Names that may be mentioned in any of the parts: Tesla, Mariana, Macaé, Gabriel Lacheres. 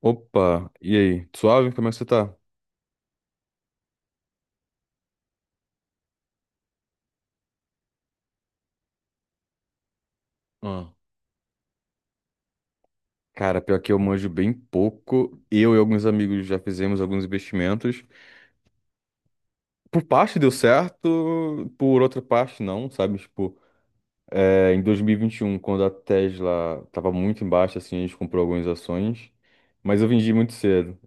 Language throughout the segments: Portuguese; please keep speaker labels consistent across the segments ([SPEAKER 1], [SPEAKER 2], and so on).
[SPEAKER 1] Opa, e aí? Suave? Como é que você tá? Ah, cara, pior que eu manjo bem pouco. Eu e alguns amigos já fizemos alguns investimentos. Por parte deu certo, por outra parte não, sabe? Tipo, em 2021, quando a Tesla tava muito embaixo, assim, a gente comprou algumas ações. Mas eu vendi muito cedo.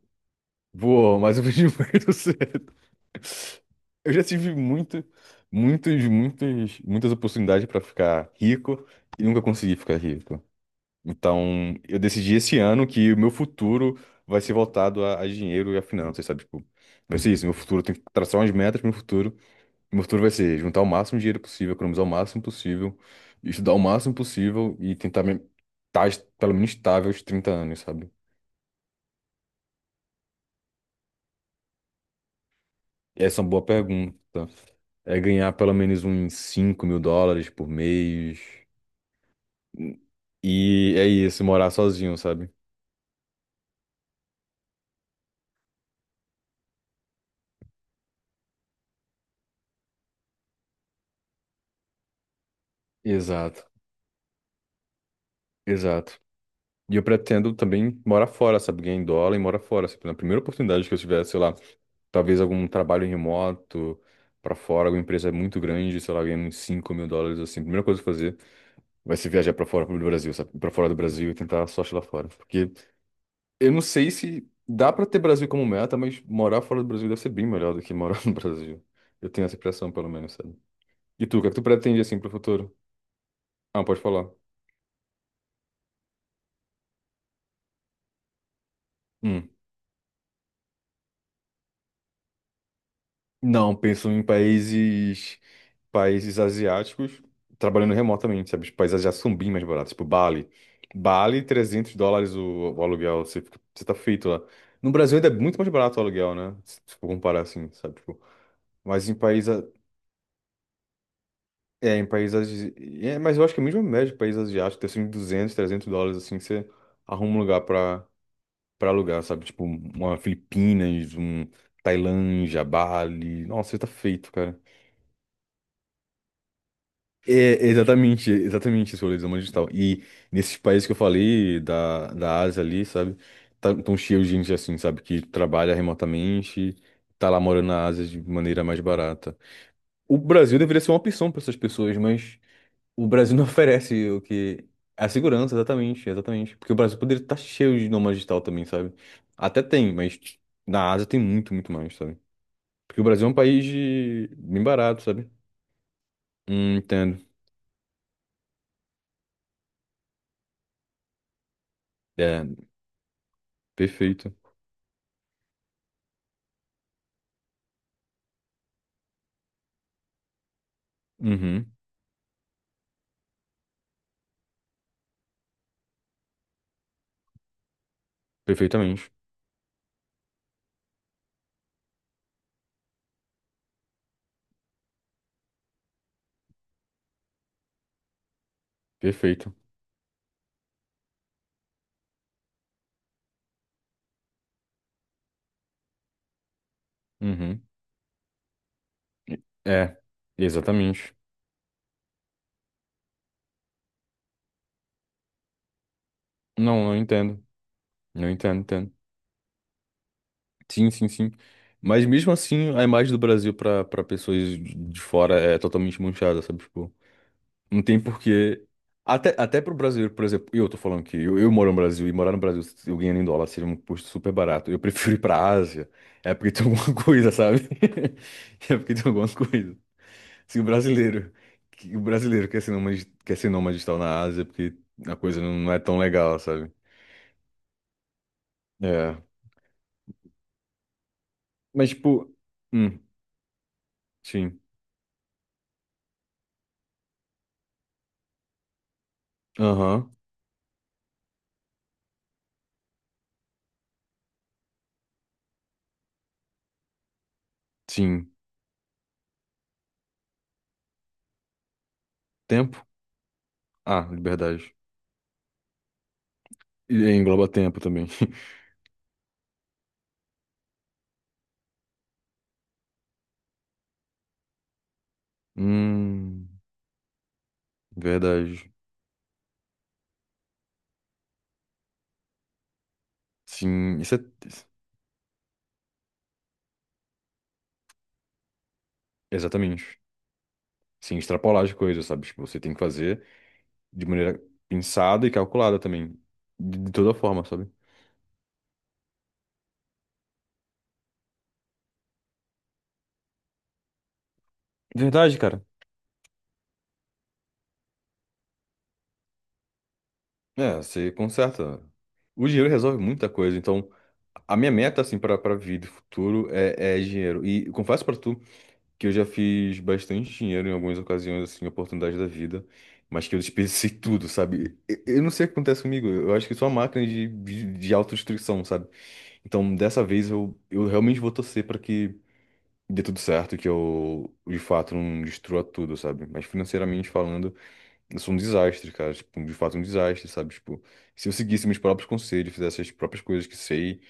[SPEAKER 1] Voou, mas eu vendi muito cedo. Eu já tive muitas oportunidades para ficar rico e nunca consegui ficar rico. Então, eu decidi esse ano que o meu futuro vai ser voltado a dinheiro e a finanças, sabe? Tipo, vai ser isso. Meu futuro tem que traçar umas metas pro meu futuro. Meu futuro vai ser juntar o máximo de dinheiro possível, economizar o máximo possível, estudar o máximo possível e tentar pelo menos estável aos 30 anos, sabe? Essa é uma boa pergunta. É ganhar pelo menos uns US$ 5 mil por mês. E é isso, morar sozinho, sabe? Exato, exato. E eu pretendo também morar fora, sabe? Ganhar em dólar e morar fora. Sabe? Na primeira oportunidade que eu tiver, sei lá, talvez algum trabalho remoto pra fora, alguma empresa muito grande, sei lá, ganhando uns US$ 5 mil, assim. A primeira coisa que eu fazer vai ser viajar pra fora do Brasil, sabe? Pra fora do Brasil e tentar a sorte lá fora. Porque eu não sei se dá pra ter Brasil como meta, mas morar fora do Brasil deve ser bem melhor do que morar no Brasil. Eu tenho essa impressão, pelo menos, sabe? E tu, o que é que tu pretende, assim, pro futuro? Ah, pode falar. Hum. Não, penso em países, asiáticos trabalhando remotamente, sabe? Os países asiáticos são bem mais baratos, tipo Bali. Bali, US$ 300 o aluguel, você tá feito lá. No Brasil ainda é muito mais barato o aluguel, né? Se for comparar assim, sabe? Tipo, mas em países, é, em países, mas eu acho que é mesmo a mesma média de países asiáticos, deve ser uns 200, 300 dólares, assim, que você arruma um lugar pra alugar, sabe? Tipo, uma Filipinas, um Tailândia, Bali, nossa, você tá feito, cara. É, exatamente, exatamente esse rolê do nômade digital. E nesses países que eu falei, da Ásia ali, sabe? Tá, tão cheio de gente assim, sabe? Que trabalha remotamente, tá lá morando na Ásia de maneira mais barata. O Brasil deveria ser uma opção para essas pessoas, mas o Brasil não oferece o que. A segurança, exatamente, exatamente. Porque o Brasil poderia estar cheio de nômade digital também, sabe? Até tem, mas na Ásia tem muito, muito mais, sabe? Porque o Brasil é um país de- bem barato, sabe? Entendo. É, perfeito. Uhum. Perfeitamente. Perfeito. Uhum. É, exatamente. Não, não entendo. Não entendo, entendo. Sim, sim, sim. Mas mesmo assim, a imagem do Brasil para pessoas de fora é totalmente manchada, sabe? Tipo, não tem porquê. Até pro brasileiro, por exemplo, eu tô falando que eu, moro no Brasil e morar no Brasil, eu ganhando em dólar, seria um custo super barato. Eu prefiro ir pra Ásia, é porque tem alguma coisa, sabe? É porque tem alguma coisa. Se o brasileiro, o brasileiro quer ser nômade e tal na Ásia, porque a coisa não é tão legal, sabe? É. Mas, tipo, hum, sim. Aham, sim. Tempo? Ah, liberdade. E engloba tempo também. Hum, verdade. Sim, isso é. Exatamente. Sim, extrapolar as coisas, sabe? Tipo, você tem que fazer de maneira pensada e calculada também. De toda forma, sabe? Verdade, cara. É, você conserta. O dinheiro resolve muita coisa, então. A minha meta, assim, para vida futuro é dinheiro. E confesso para tu que eu já fiz bastante dinheiro em algumas ocasiões, assim, oportunidades da vida, mas que eu desperdicei tudo, sabe? Eu não sei o que acontece comigo. Eu acho que sou uma máquina de autodestruição, sabe? Então, dessa vez, eu realmente vou torcer para que dê tudo certo, que eu, de fato, não destrua tudo, sabe? Mas financeiramente falando. Eu sou um desastre, cara. Tipo, de fato, um desastre, sabe? Tipo, se eu seguisse meus próprios conselhos, fizesse as próprias coisas que sei,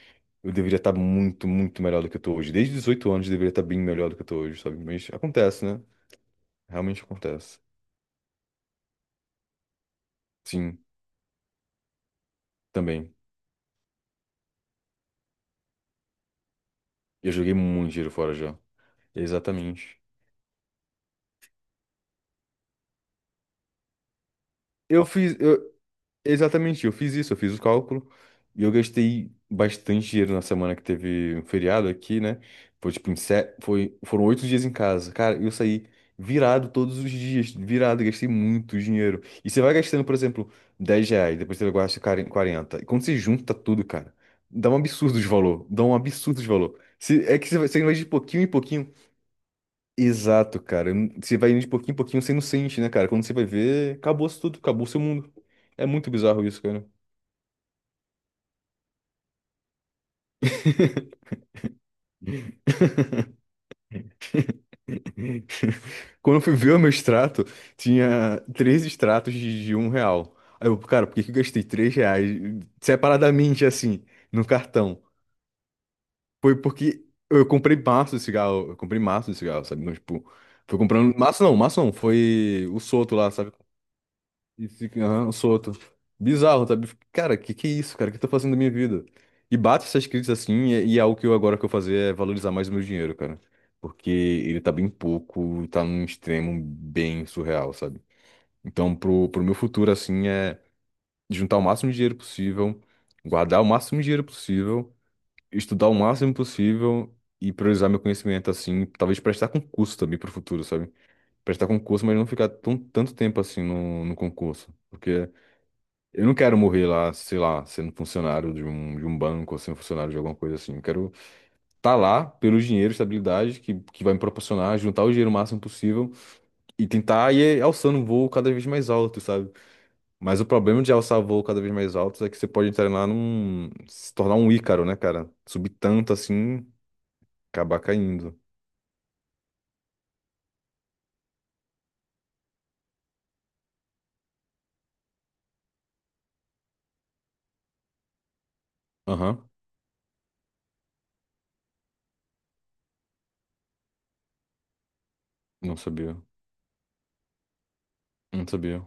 [SPEAKER 1] eu deveria estar muito, muito melhor do que eu tô hoje. Desde os 18 anos, eu deveria estar bem melhor do que eu tô hoje, sabe? Mas acontece, né? Realmente acontece. Sim, também. Eu joguei muito dinheiro fora já. Exatamente. Eu fiz. Exatamente, eu fiz isso, eu fiz o cálculo e eu gastei bastante dinheiro na semana que teve um feriado aqui, né? Foi tipo, foram 8 dias em casa. Cara, eu saí virado todos os dias, virado, gastei muito dinheiro. E você vai gastando, por exemplo, R$ 10, depois você gasta quarenta. E quando você junta tudo, cara, dá um absurdo de valor, dá um absurdo de valor. Se, é que você vai de pouquinho em pouquinho. Exato, cara. Você vai indo de pouquinho em pouquinho, você não sente, né, cara? Quando você vai ver, acabou-se tudo, acabou o seu mundo. É muito bizarro isso, cara. Quando eu fui ver o meu extrato, tinha três extratos de R$ 1. Aí eu, cara, por que que eu gastei R$ 3 separadamente assim, no cartão? Foi porque eu comprei maço de cigarro, eu comprei maço de cigarro, sabe? Então, tipo, fui comprando. Maço não, foi o solto lá, sabe? E fica, aham, solto. Bizarro, sabe? Cara, que é isso, cara? O que eu tô fazendo da minha vida? E bate essas críticas assim, e é algo que eu agora que eu fazer é valorizar mais o meu dinheiro, cara. Porque ele tá bem pouco, tá num extremo bem surreal, sabe? Então, pro meu futuro, assim, é juntar o máximo de dinheiro possível, guardar o máximo de dinheiro possível, estudar o máximo possível e priorizar meu conhecimento, assim, talvez prestar concurso também pro futuro, sabe? Prestar concurso, mas não ficar tão, tanto tempo assim no concurso. Porque. Eu não quero morrer lá, sei lá, sendo funcionário de um banco ou sendo funcionário de alguma coisa assim. Eu quero estar lá pelo dinheiro, estabilidade que vai me proporcionar, juntar o dinheiro o máximo possível e tentar ir alçando um voo cada vez mais alto, sabe? Mas o problema de alçar voo cada vez mais alto é que você pode entrar lá num, se tornar um Ícaro, né, cara? Subir tanto assim, acabar caindo. Aham. Não sabia. Não sabia.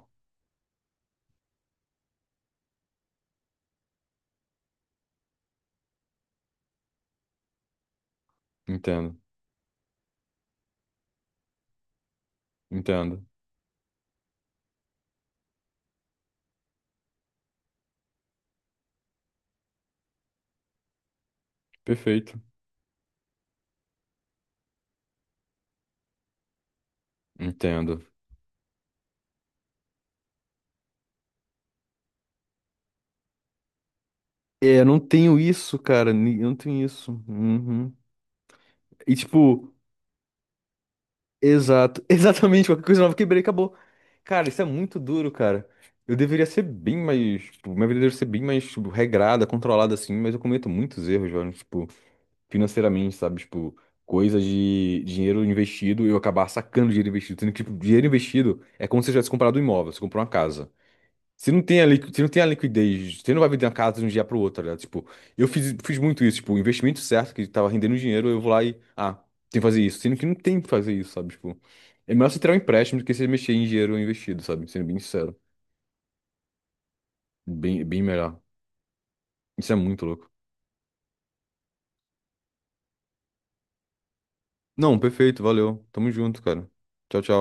[SPEAKER 1] Entendo. Entendo. Perfeito. Entendo. É, eu não tenho isso, cara. Eu não tenho isso. Uhum. E tipo, exato, exatamente, qualquer coisa nova quebrei, acabou. Cara, isso é muito duro, cara. Eu deveria ser bem mais, tipo, minha vida deveria ser bem mais, tipo, regrada, controlada, assim, mas eu cometo muitos erros, velho, tipo, financeiramente, sabe? Tipo, coisa de dinheiro investido e eu acabar sacando dinheiro investido. Tendo que, tipo, dinheiro investido é como se eu tivesse comprado um imóvel, você comprou uma casa. Você não tem a liquidez, você não vai vender uma casa de um dia para o outro, tá ligado? Tipo, eu fiz, muito isso, tipo, o investimento certo, que tava rendendo dinheiro, eu vou lá e, tem que fazer isso, sendo que não tem que fazer isso, sabe? Tipo, é melhor você tirar um empréstimo do que você mexer em dinheiro investido, sabe? Sendo bem sincero, bem, bem melhor. Isso é muito louco. Não, perfeito, valeu. Tamo junto, cara. Tchau, tchau.